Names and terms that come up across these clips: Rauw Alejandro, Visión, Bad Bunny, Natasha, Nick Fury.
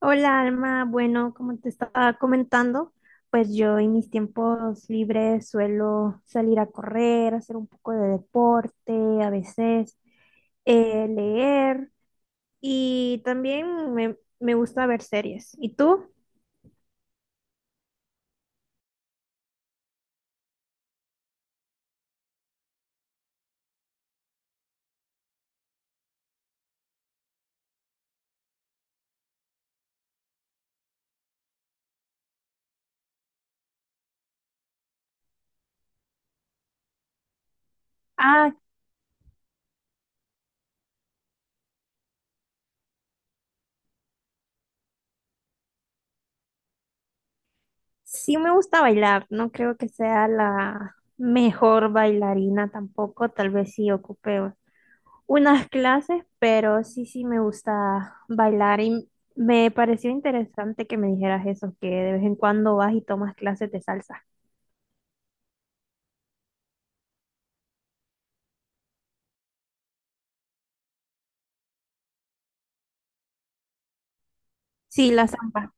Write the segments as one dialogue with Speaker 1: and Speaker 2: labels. Speaker 1: Hola Alma, bueno, como te estaba comentando, pues yo en mis tiempos libres suelo salir a correr, hacer un poco de deporte, a veces leer y también me gusta ver series. ¿Y tú? Ah, sí me gusta bailar, no creo que sea la mejor bailarina tampoco, tal vez sí ocupe unas clases, pero sí me gusta bailar y me pareció interesante que me dijeras eso, que de vez en cuando vas y tomas clases de salsa. Sí, la zampa.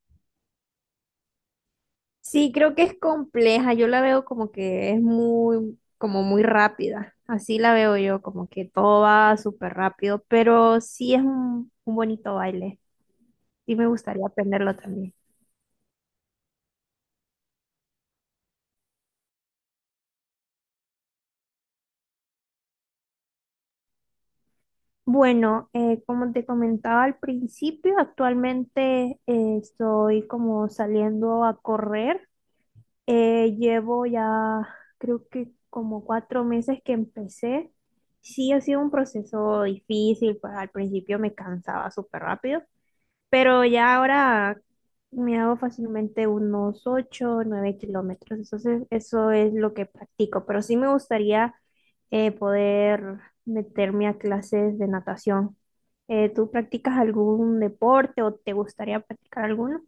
Speaker 1: Sí, creo que es compleja, yo la veo como que es muy, como muy rápida, así la veo yo, como que todo va súper rápido, pero sí es un bonito baile, sí me gustaría aprenderlo también. Bueno, como te comentaba al principio, actualmente estoy como saliendo a correr. Llevo ya creo que como 4 meses que empecé. Sí, ha sido un proceso difícil, pues al principio me cansaba súper rápido, pero ya ahora me hago fácilmente unos 8, 9 kilómetros. Entonces, eso es lo que practico. Pero sí me gustaría poder meterme a clases de natación. ¿Tú practicas algún deporte o te gustaría practicar alguno?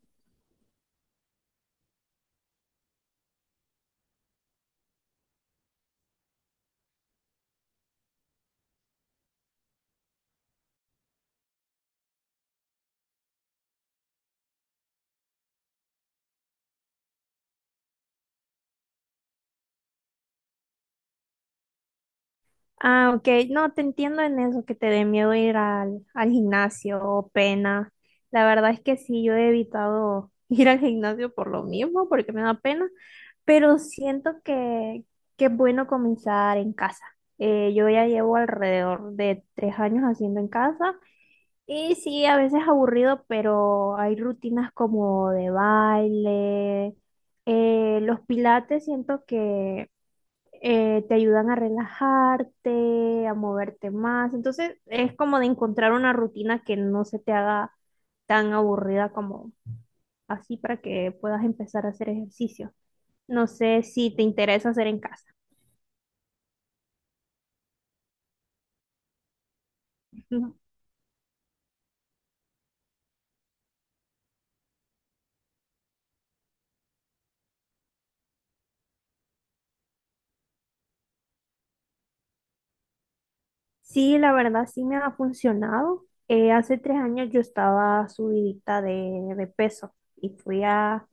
Speaker 1: Ah, ok. No, te entiendo en eso, que te dé miedo ir al gimnasio o pena. La verdad es que sí, yo he evitado ir al gimnasio por lo mismo, porque me da pena, pero siento que es bueno comenzar en casa. Yo ya llevo alrededor de 3 años haciendo en casa y sí, a veces aburrido, pero hay rutinas como de baile, los pilates, siento que te ayudan a relajarte, a moverte más. Entonces es como de encontrar una rutina que no se te haga tan aburrida como así para que puedas empezar a hacer ejercicio. No sé si te interesa hacer en casa. Sí, la verdad sí me ha funcionado. Hace 3 años yo estaba subidita de peso y fui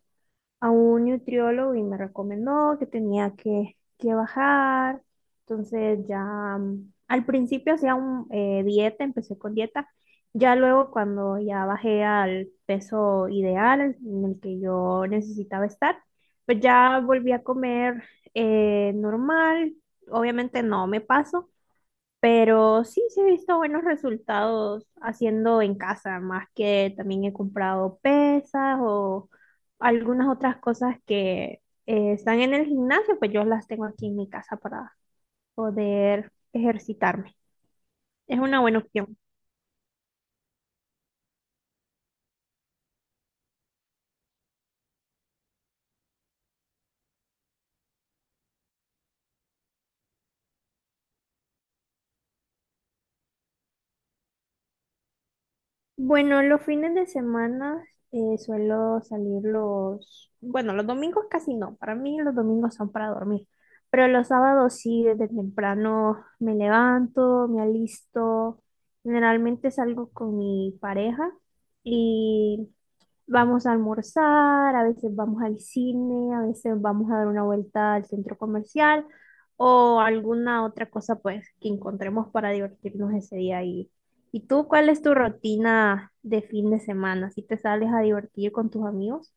Speaker 1: a un nutriólogo y me recomendó que tenía que bajar. Entonces ya al principio hacía un, dieta, empecé con dieta. Ya luego cuando ya bajé al peso ideal en el que yo necesitaba estar, pues ya volví a comer normal. Obviamente no me paso, pero sí he visto buenos resultados haciendo en casa, más que también he comprado pesas o algunas otras cosas que están en el gimnasio, pues yo las tengo aquí en mi casa para poder ejercitarme. Es una buena opción. Bueno, los fines de semana suelo salir los, bueno, los domingos casi no, para mí los domingos son para dormir, pero los sábados sí, desde temprano me levanto, me alisto, generalmente salgo con mi pareja y vamos a almorzar, a veces vamos al cine, a veces vamos a dar una vuelta al centro comercial o alguna otra cosa pues que encontremos para divertirnos ese día. Y tú cuál es tu rutina de fin de semana? ¿Si te sales a divertir con tus amigos?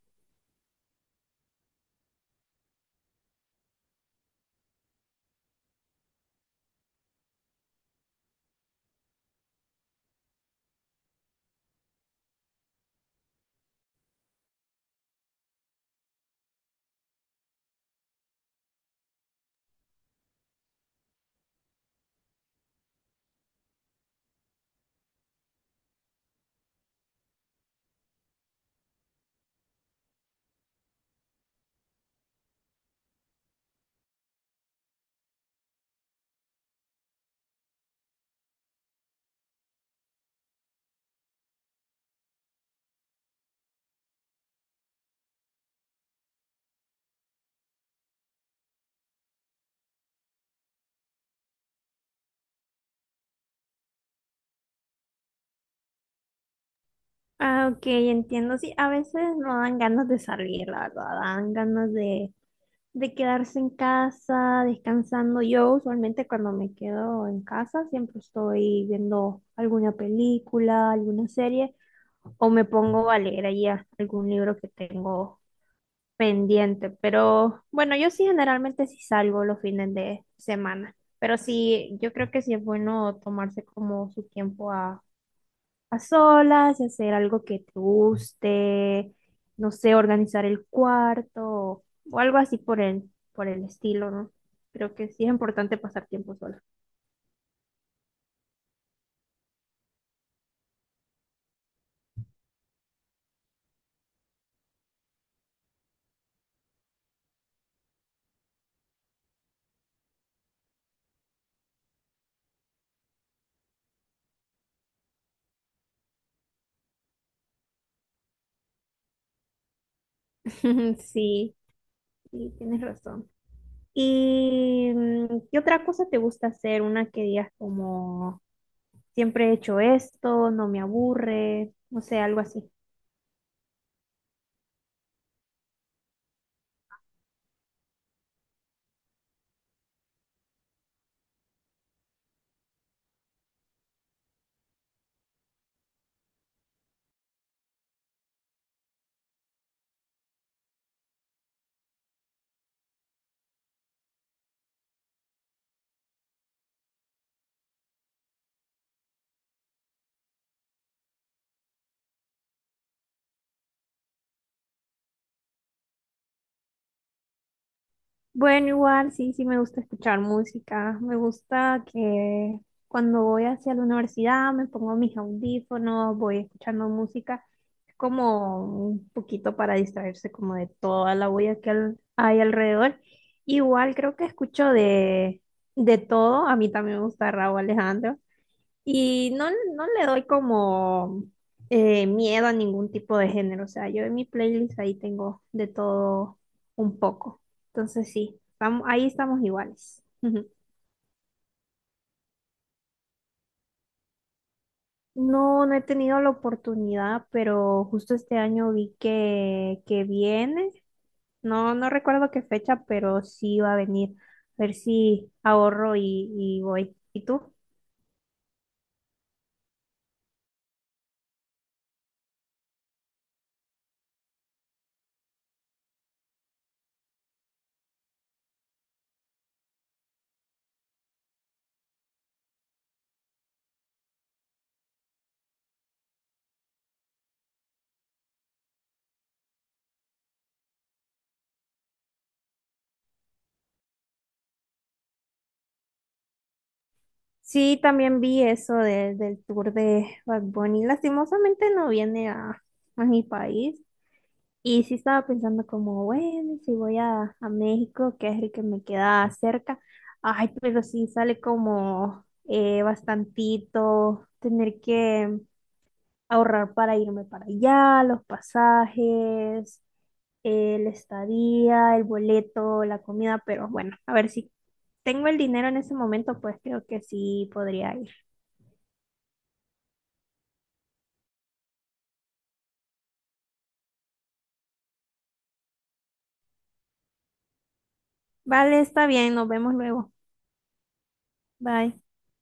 Speaker 1: Ah, ok, entiendo. Sí, a veces no dan ganas de salir, la verdad, dan ganas de quedarse en casa, descansando. Yo usualmente cuando me quedo en casa siempre estoy viendo alguna película, alguna serie o me pongo a leer ahí algún libro que tengo pendiente. Pero bueno, yo sí generalmente sí salgo los fines de semana. Pero sí, yo creo que sí es bueno tomarse como su tiempo a solas y hacer algo que te guste, no sé, organizar el cuarto o, algo así por por el estilo, ¿no? Creo que sí es importante pasar tiempo sola. Sí, sí, tienes razón. ¿Y qué otra cosa te gusta hacer? Una que digas como, siempre he hecho esto, no me aburre, no sé, algo así. Bueno, igual sí me gusta escuchar música. Me gusta que cuando voy hacia la universidad me pongo mis audífonos, voy escuchando música. Es como un poquito para distraerse como de toda la bulla que hay alrededor. Igual creo que escucho de todo. A mí también me gusta Rauw Alejandro. Y no, no le doy como miedo a ningún tipo de género. O sea, yo en mi playlist ahí tengo de todo un poco. Entonces sí, estamos, ahí estamos iguales. Ujú. No, no he tenido la oportunidad, pero justo este año vi que viene. No, no recuerdo qué fecha, pero sí va a venir. A ver si ahorro y voy. ¿Y tú? Sí, también vi eso del tour de Bad Bunny. Lastimosamente no viene a mi país. Y sí estaba pensando como, bueno, si voy a México, que es el que me queda cerca. Ay, pero sí sale como bastantito tener que ahorrar para irme para allá, los pasajes, el estadía, el boleto, la comida. Pero bueno, a ver si tengo el dinero en ese momento, pues creo que sí podría ir. Vale, está bien, nos vemos luego. Bye.